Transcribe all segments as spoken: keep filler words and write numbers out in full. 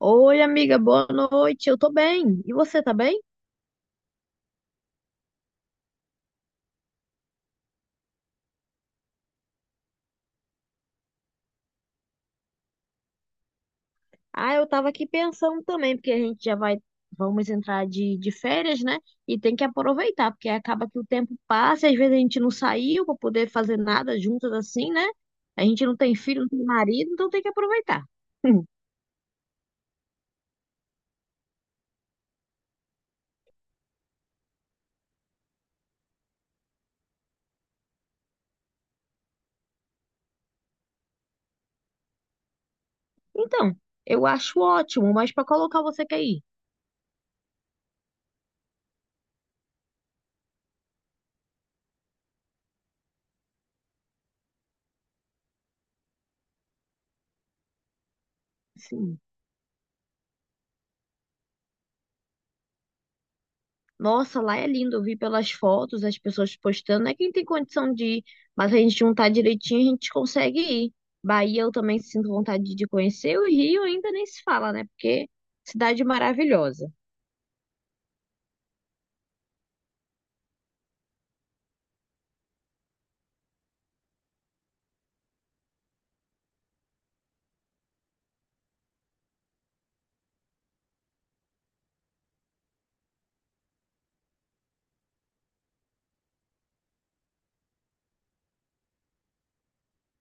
Oi, amiga, boa noite. Eu tô bem. E você tá bem? Ah, eu tava aqui pensando também, porque a gente já vai, vamos entrar de, de férias, né? E tem que aproveitar, porque acaba que o tempo passa, e às vezes a gente não saiu pra poder fazer nada juntas assim, né? A gente não tem filho, não tem marido, então tem que aproveitar. Então, eu acho ótimo, mas pra colocar você quer ir? Sim. Nossa, lá é lindo. Eu vi pelas fotos, as pessoas postando. É quem tem condição de ir, mas a gente juntar direitinho, a gente consegue ir. Bahia, eu também sinto vontade de conhecer. O Rio ainda nem se fala, né? Porque cidade maravilhosa.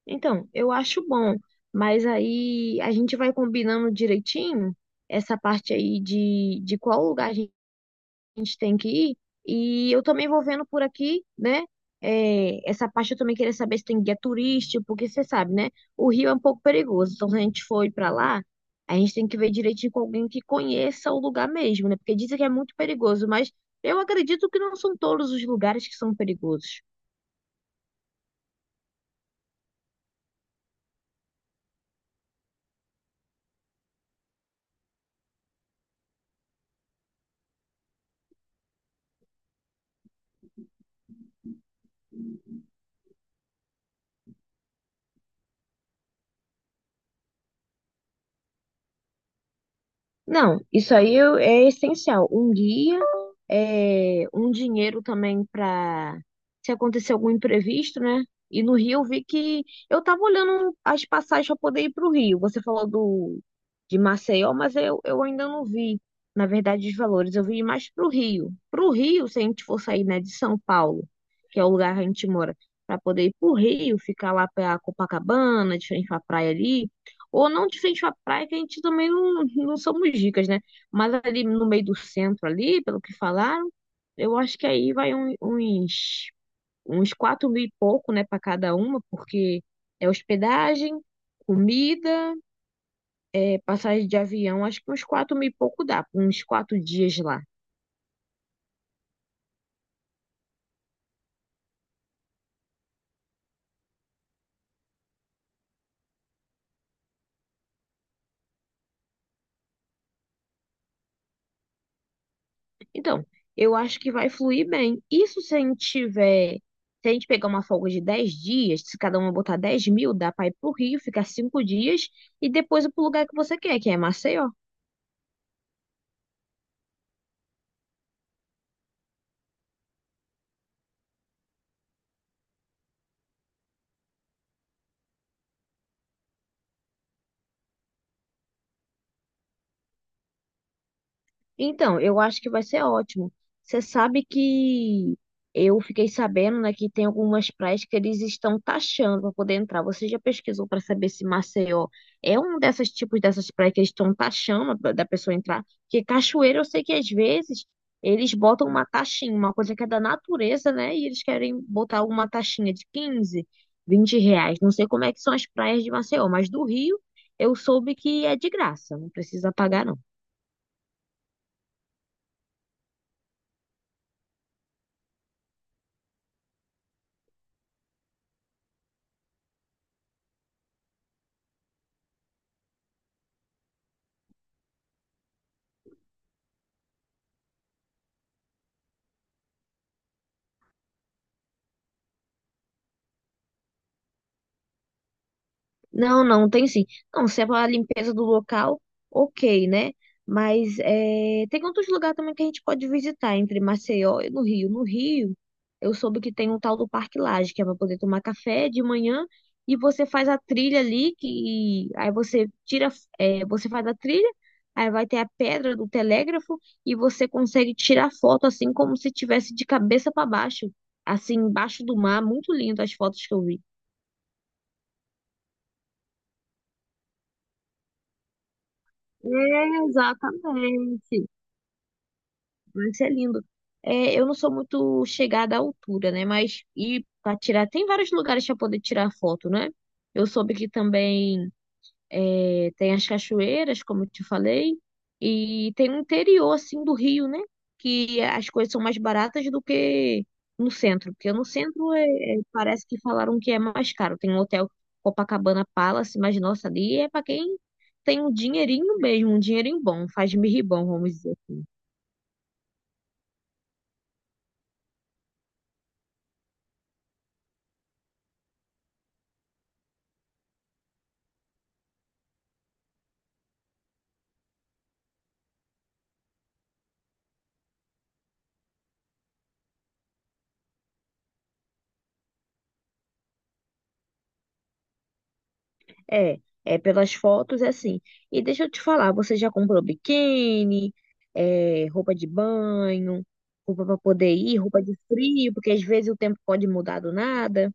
Então, eu acho bom, mas aí a gente vai combinando direitinho essa parte aí de, de qual lugar a a gente tem que ir. E eu também vou vendo por aqui, né? É, essa parte eu também queria saber se tem guia turístico, porque você sabe, né? O Rio é um pouco perigoso. Então, se a gente for ir pra lá, a gente tem que ver direitinho com alguém que conheça o lugar mesmo, né? Porque dizem que é muito perigoso, mas eu acredito que não são todos os lugares que são perigosos. Não, isso aí eu- é essencial. Um guia, é, um dinheiro também para se acontecer algum imprevisto, né? E no Rio eu vi que eu tava olhando as passagens para poder ir para o Rio. Você falou do de Maceió, mas eu, eu ainda não vi, na verdade, os valores. Eu vi mais para o Rio. Para o Rio, se a gente for sair, né, de São Paulo, que é o lugar que a gente mora, para poder ir para o Rio, ficar lá para Copacabana, de frente para praia ali. Ou não de frente à praia, que a gente também não, não somos ricas, né? Mas ali no meio do centro, ali, pelo que falaram, eu acho que aí vai um- uns, uns quatro mil e pouco, né, para cada uma, porque é hospedagem, comida, é passagem de avião, acho que uns quatro mil e pouco dá, uns quatro dias lá. Então, eu acho que vai fluir bem. Isso se a gente tiver. Se a gente pegar uma folga de dez dias, se cada uma botar dez mil, dá pra ir pro Rio, ficar cinco dias e depois ir pro lugar que você quer, que é Maceió. Então, eu acho que vai ser ótimo. Você sabe que eu fiquei sabendo, né, que tem algumas praias que eles estão taxando para poder entrar. Você já pesquisou para saber se Maceió é um desses tipos dessas praias que eles estão taxando da da pessoa entrar? Porque cachoeira, eu sei que às vezes eles botam uma taxinha, uma coisa que é da natureza, né? E eles querem botar uma taxinha de quinze, vinte reais. Não sei como é que são as praias de Maceió, mas do Rio eu soube que é de graça, não precisa pagar, não. Não, não tem sim. Não, se é para limpeza do local, ok, né? Mas é, tem outros lugares também que a gente pode visitar, entre Maceió e no Rio. No Rio, eu soube que tem um tal do Parque Lage, que é para poder tomar café de manhã e você faz a trilha ali, que aí você tira, é, você faz a trilha, aí vai ter a pedra do telégrafo e você consegue tirar foto assim como se tivesse de cabeça para baixo, assim, embaixo do mar. Muito lindo as fotos que eu vi. É, exatamente. Vai ser lindo. É, eu não sou muito chegada à altura, né? Mas e para tirar, tem vários lugares para poder tirar foto, né? Eu soube que também é, tem as cachoeiras, como eu te falei, e tem o interior, assim, do Rio, né? Que as coisas são mais baratas do que no centro, porque no centro é, é- parece que falaram que é mais caro. Tem um hotel Copacabana Palace, mas nossa, ali é para quem tem um dinheirinho mesmo, um dinheirinho bom, faz mirribão, vamos dizer. É, é pelas fotos é assim. E deixa eu te falar, você já comprou biquíni, é, roupa de banho, roupa para poder ir, roupa de frio, porque às vezes o tempo pode mudar do nada.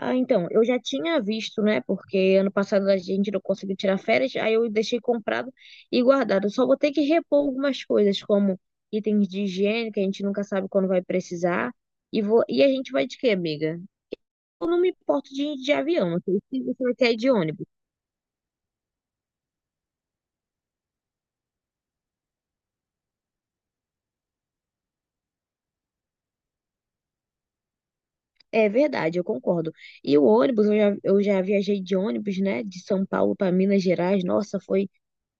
Ah, então, eu já tinha visto, né? Porque ano passado a gente não conseguiu tirar férias, aí eu deixei comprado e guardado. Só vou ter que repor algumas coisas, como itens de higiene, que a gente nunca sabe quando vai precisar. E, vou, e a gente vai de quê, amiga? Eu não me importo de, de avião, não sei se você vai querer ir de ônibus. É verdade, eu concordo. E o ônibus, eu já, eu já viajei de ônibus, né, de São Paulo para Minas Gerais. Nossa, foi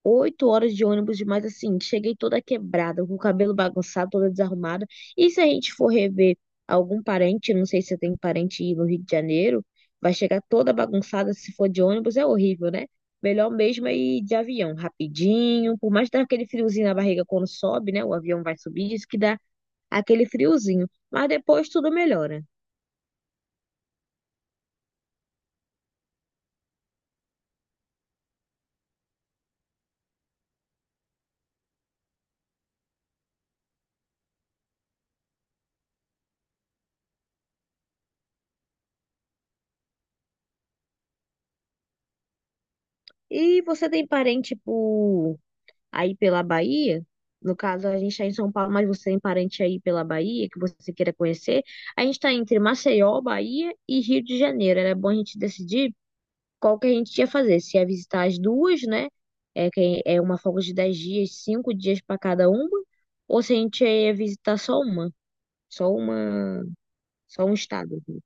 oito horas de ônibus, mas assim, cheguei toda quebrada, com o cabelo bagunçado, toda desarrumada. E se a gente for rever algum parente, não sei se você tem parente aí no Rio de Janeiro, vai chegar toda bagunçada se for de ônibus, é horrível, né? Melhor mesmo é ir de avião, rapidinho, por mais que dá aquele friozinho na barriga quando sobe, né? O avião vai subir, isso que dá aquele friozinho. Mas depois tudo melhora. E você tem parente por aí pela Bahia? No caso, a gente está em São Paulo, mas você tem parente aí pela Bahia que você queira conhecer? A gente está entre Maceió, Bahia e Rio de Janeiro. Era bom a gente decidir qual que a gente ia fazer. Se ia visitar as duas, né? É, que é uma folga de dez dias, cinco dias para cada uma. Ou se a gente ia visitar só uma, só uma, só um estado. Assim,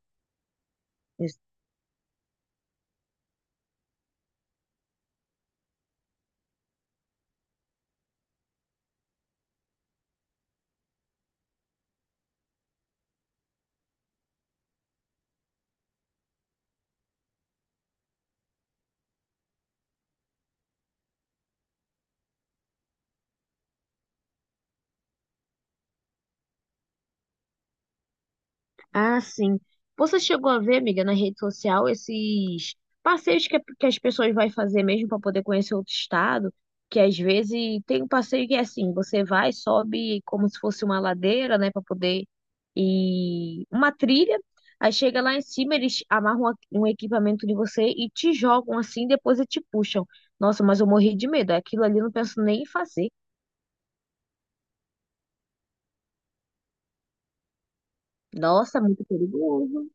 ah, sim. Você chegou a ver, amiga, na rede social esses passeios que, a- que as pessoas vão fazer mesmo para poder conhecer outro estado? Que às vezes tem um passeio que é assim, você vai, sobe como se fosse uma ladeira, né, para poder ir uma trilha. Aí chega lá em cima, eles amarram a- um equipamento de você e te jogam assim, depois e te puxam. Nossa, mas eu morri de medo. Aquilo ali eu não penso nem em fazer. Nossa, muito perigoso.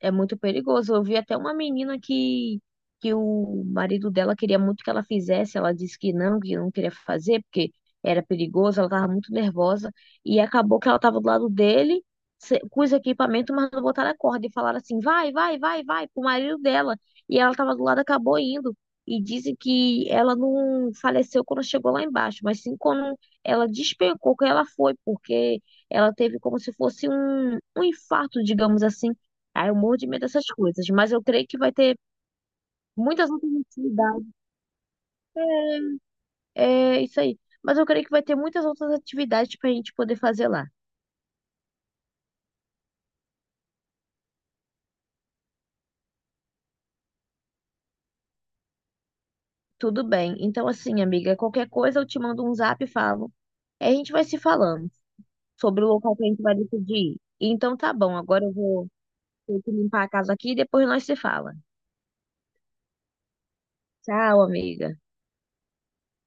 É muito perigoso. Eu vi até uma menina que, que o marido dela queria muito que ela fizesse, ela disse que não, que não queria fazer, porque era perigoso, ela estava muito nervosa, e acabou que ela estava do lado dele, se- com os equipamentos, mas não botaram a corda, e falaram assim, vai, vai, vai, vai, pro marido dela, e ela estava do lado, acabou indo. E dizem que ela não faleceu quando chegou lá embaixo, mas sim quando ela despencou que ela foi, porque ela teve como se fosse um, um infarto, digamos assim, ah, eu morro de medo dessas coisas, mas eu creio que vai ter muitas outras atividades. É isso aí. Mas eu creio que vai ter muitas outras atividades pra gente poder fazer lá. Tudo bem. Então, assim, amiga, qualquer coisa eu te mando um zap e falo. Aí a gente vai se falando sobre o local que a gente vai decidir ir. Então tá bom, agora eu vou ter que limpar a casa aqui e depois nós se fala. Tchau, amiga.